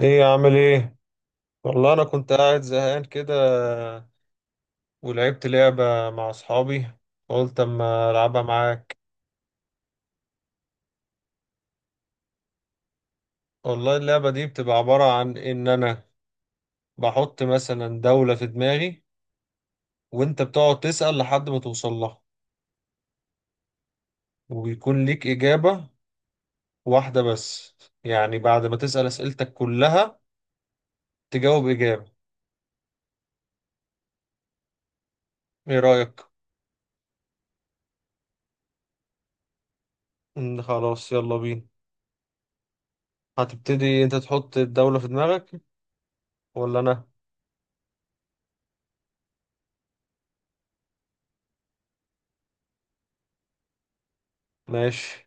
ايه يا عامل ايه؟ والله انا كنت قاعد زهقان كده، ولعبت لعبة مع اصحابي. قلت اما العبها معاك. والله اللعبة دي بتبقى عبارة عن ان انا بحط مثلا دولة في دماغي، وانت بتقعد تسأل لحد ما توصل لها، وبيكون ليك إجابة واحدة بس. يعني بعد ما تسأل أسئلتك كلها تجاوب إجابة. ايه رأيك؟ إن خلاص يلا بينا. هتبتدي انت تحط الدولة في دماغك ولا انا؟ ماشي.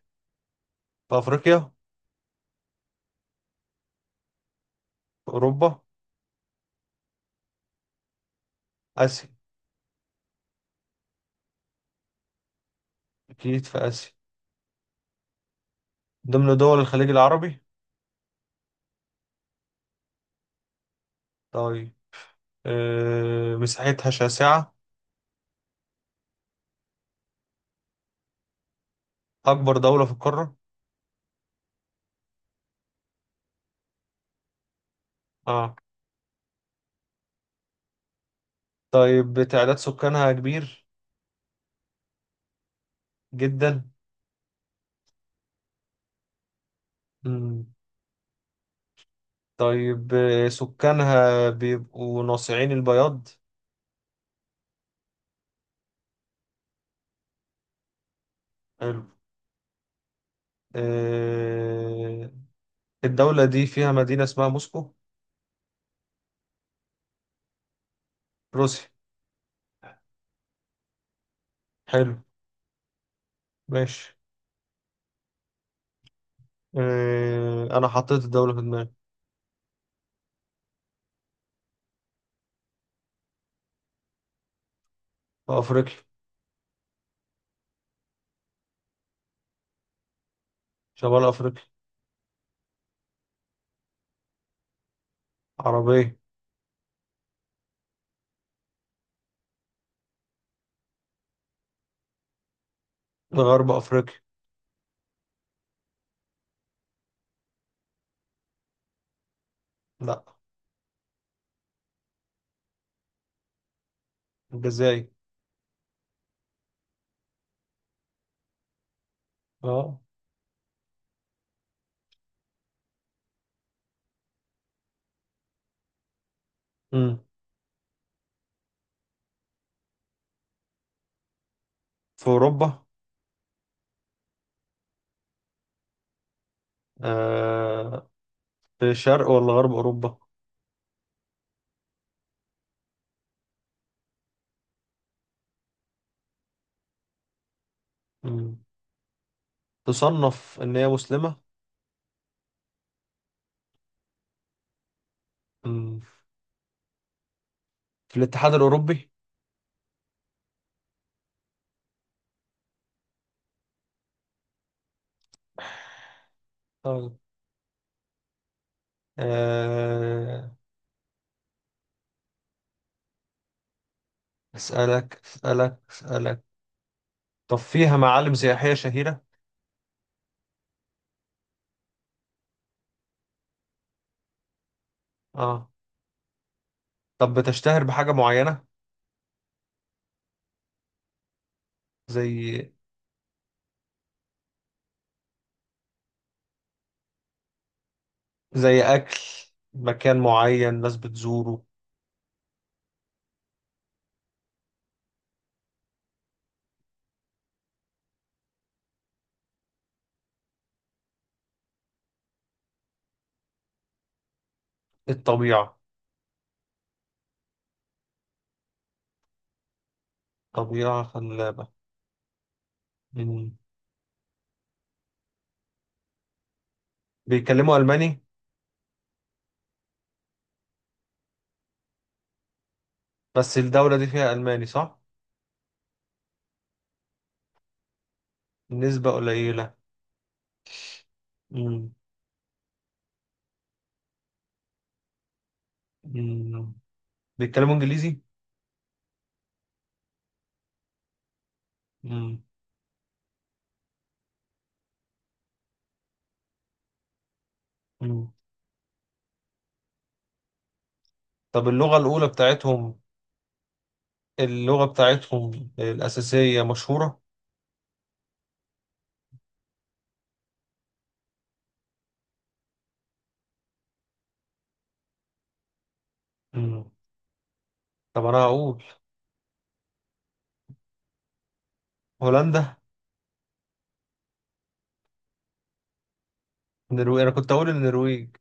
في افريقيا؟ في اوروبا؟ آسيا؟ أكيد في آسيا. ضمن دول الخليج العربي؟ طيب. مساحتها شاسعة. أكبر دولة في القارة؟ آه. طيب، تعداد سكانها كبير؟ جدا. مم. طيب، سكانها بيبقوا ناصعين البياض. حلو. آه، الدولة دي فيها مدينة اسمها موسكو. روسيا. حلو. ماشي. أنا حطيت الدولة في دماغي. في أفريقيا. شمال أفريقيا. عربية. غرب أفريقيا. لا. الجزائر. اه. امم في اوروبا. آه. في شرق ولا غرب اوروبا؟ امم تصنف ان هي مسلمة؟ امم في الاتحاد الاوروبي؟ طيب. آه اسالك اسالك اسالك. طب فيها معالم سياحية شهيرة؟ اه. طب بتشتهر بحاجة معينة؟ زي زي اكل، مكان معين ناس بتزوره. الطبيعة؟ طبيعة خلابة. امم بيتكلموا الماني؟ بس الدولة دي فيها الماني، صح؟ نسبة قليلة. مم. مم. بيتكلموا انجليزي؟ مم. مم. طب اللغة الأولى بتاعتهم، اللغة بتاعتهم الأساسية مشهورة؟ مم. طب أنا هقول. هولندا؟ النرويج؟ أنا كنت أقول النرويج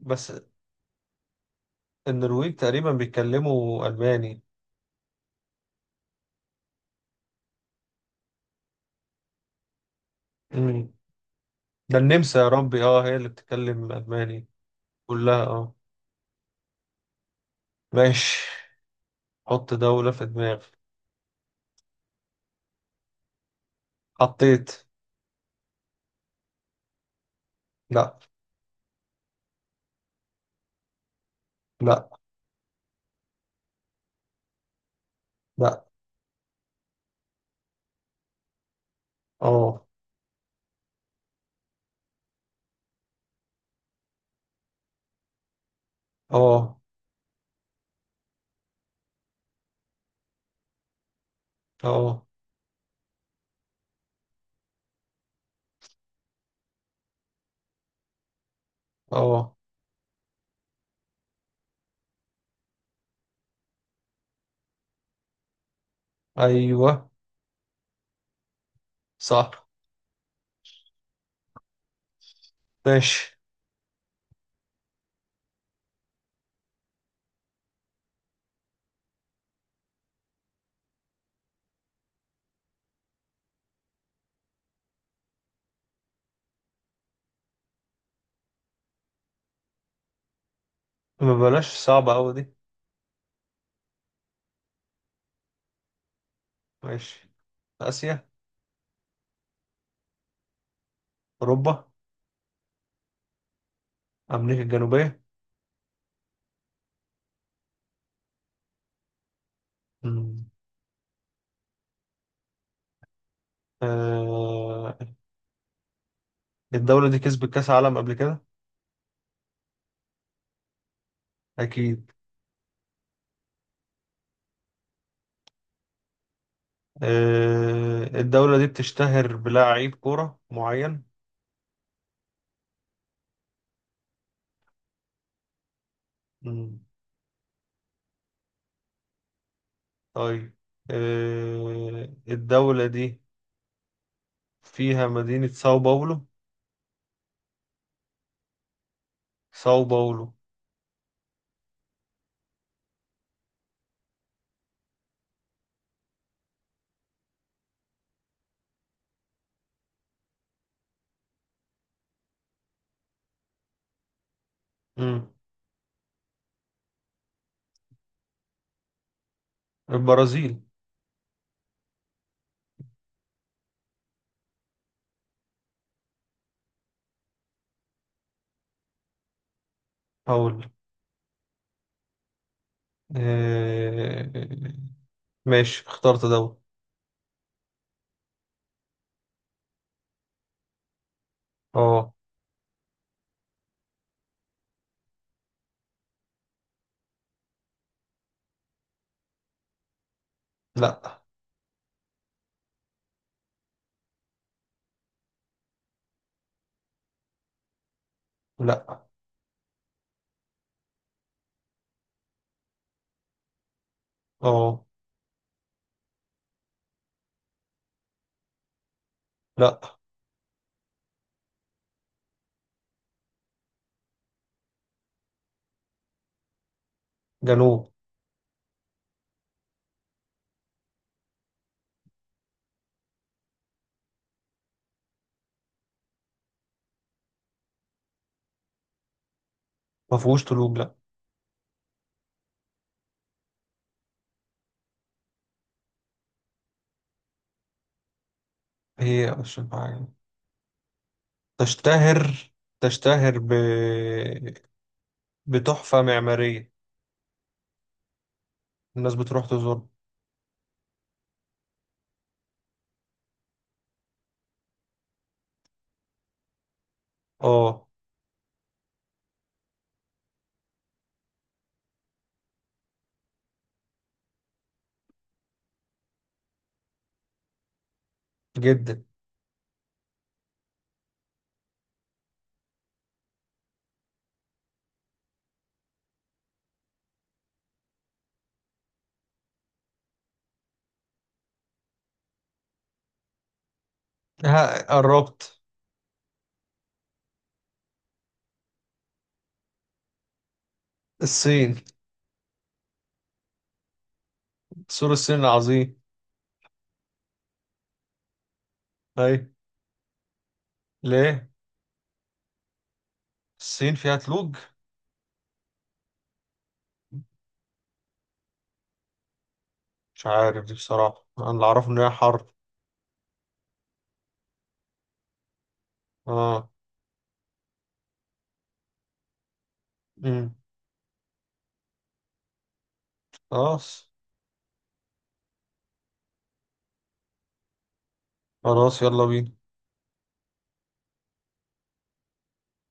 بس. النرويج تقريبا بيتكلموا ألماني؟ مم. ده النمسا يا ربي، اه هي اللي بتتكلم ألماني. كلها، اه. ماشي. حط دولة في دماغي. حطيت. لا. لا. لا. اه. اه. اه. اه. ايوه، صح. ماشي. ما بلاش صعبة أوي دي. ماشي. آسيا؟ أوروبا؟ أمريكا الجنوبية؟ مم. آه... الدولة دي كسبت كأس عالم قبل كده؟ أكيد. الدولة دي بتشتهر بلاعيب كورة معين؟ مم. طيب. الدولة دي فيها مدينة ساو باولو؟ ساو باولو. مم. البرازيل. هقول. آه... ماشي، اخترت دولة. اه. لا. لا. اه. لا. جنوب. ما فيهوش طلوع، لا. هي عشان حاجة تشتهر. تشتهر بتحفة معمارية. الناس بتروح تزور. اه. جدا. ها قربت. الصين. سور الصين العظيم. اي؟ ليه؟ الصين فيها تلوج؟ مش عارف دي بصراحة. انا اللي اعرفه ان هي حر. اه. امم خلاص، خلاص، يلا بينا.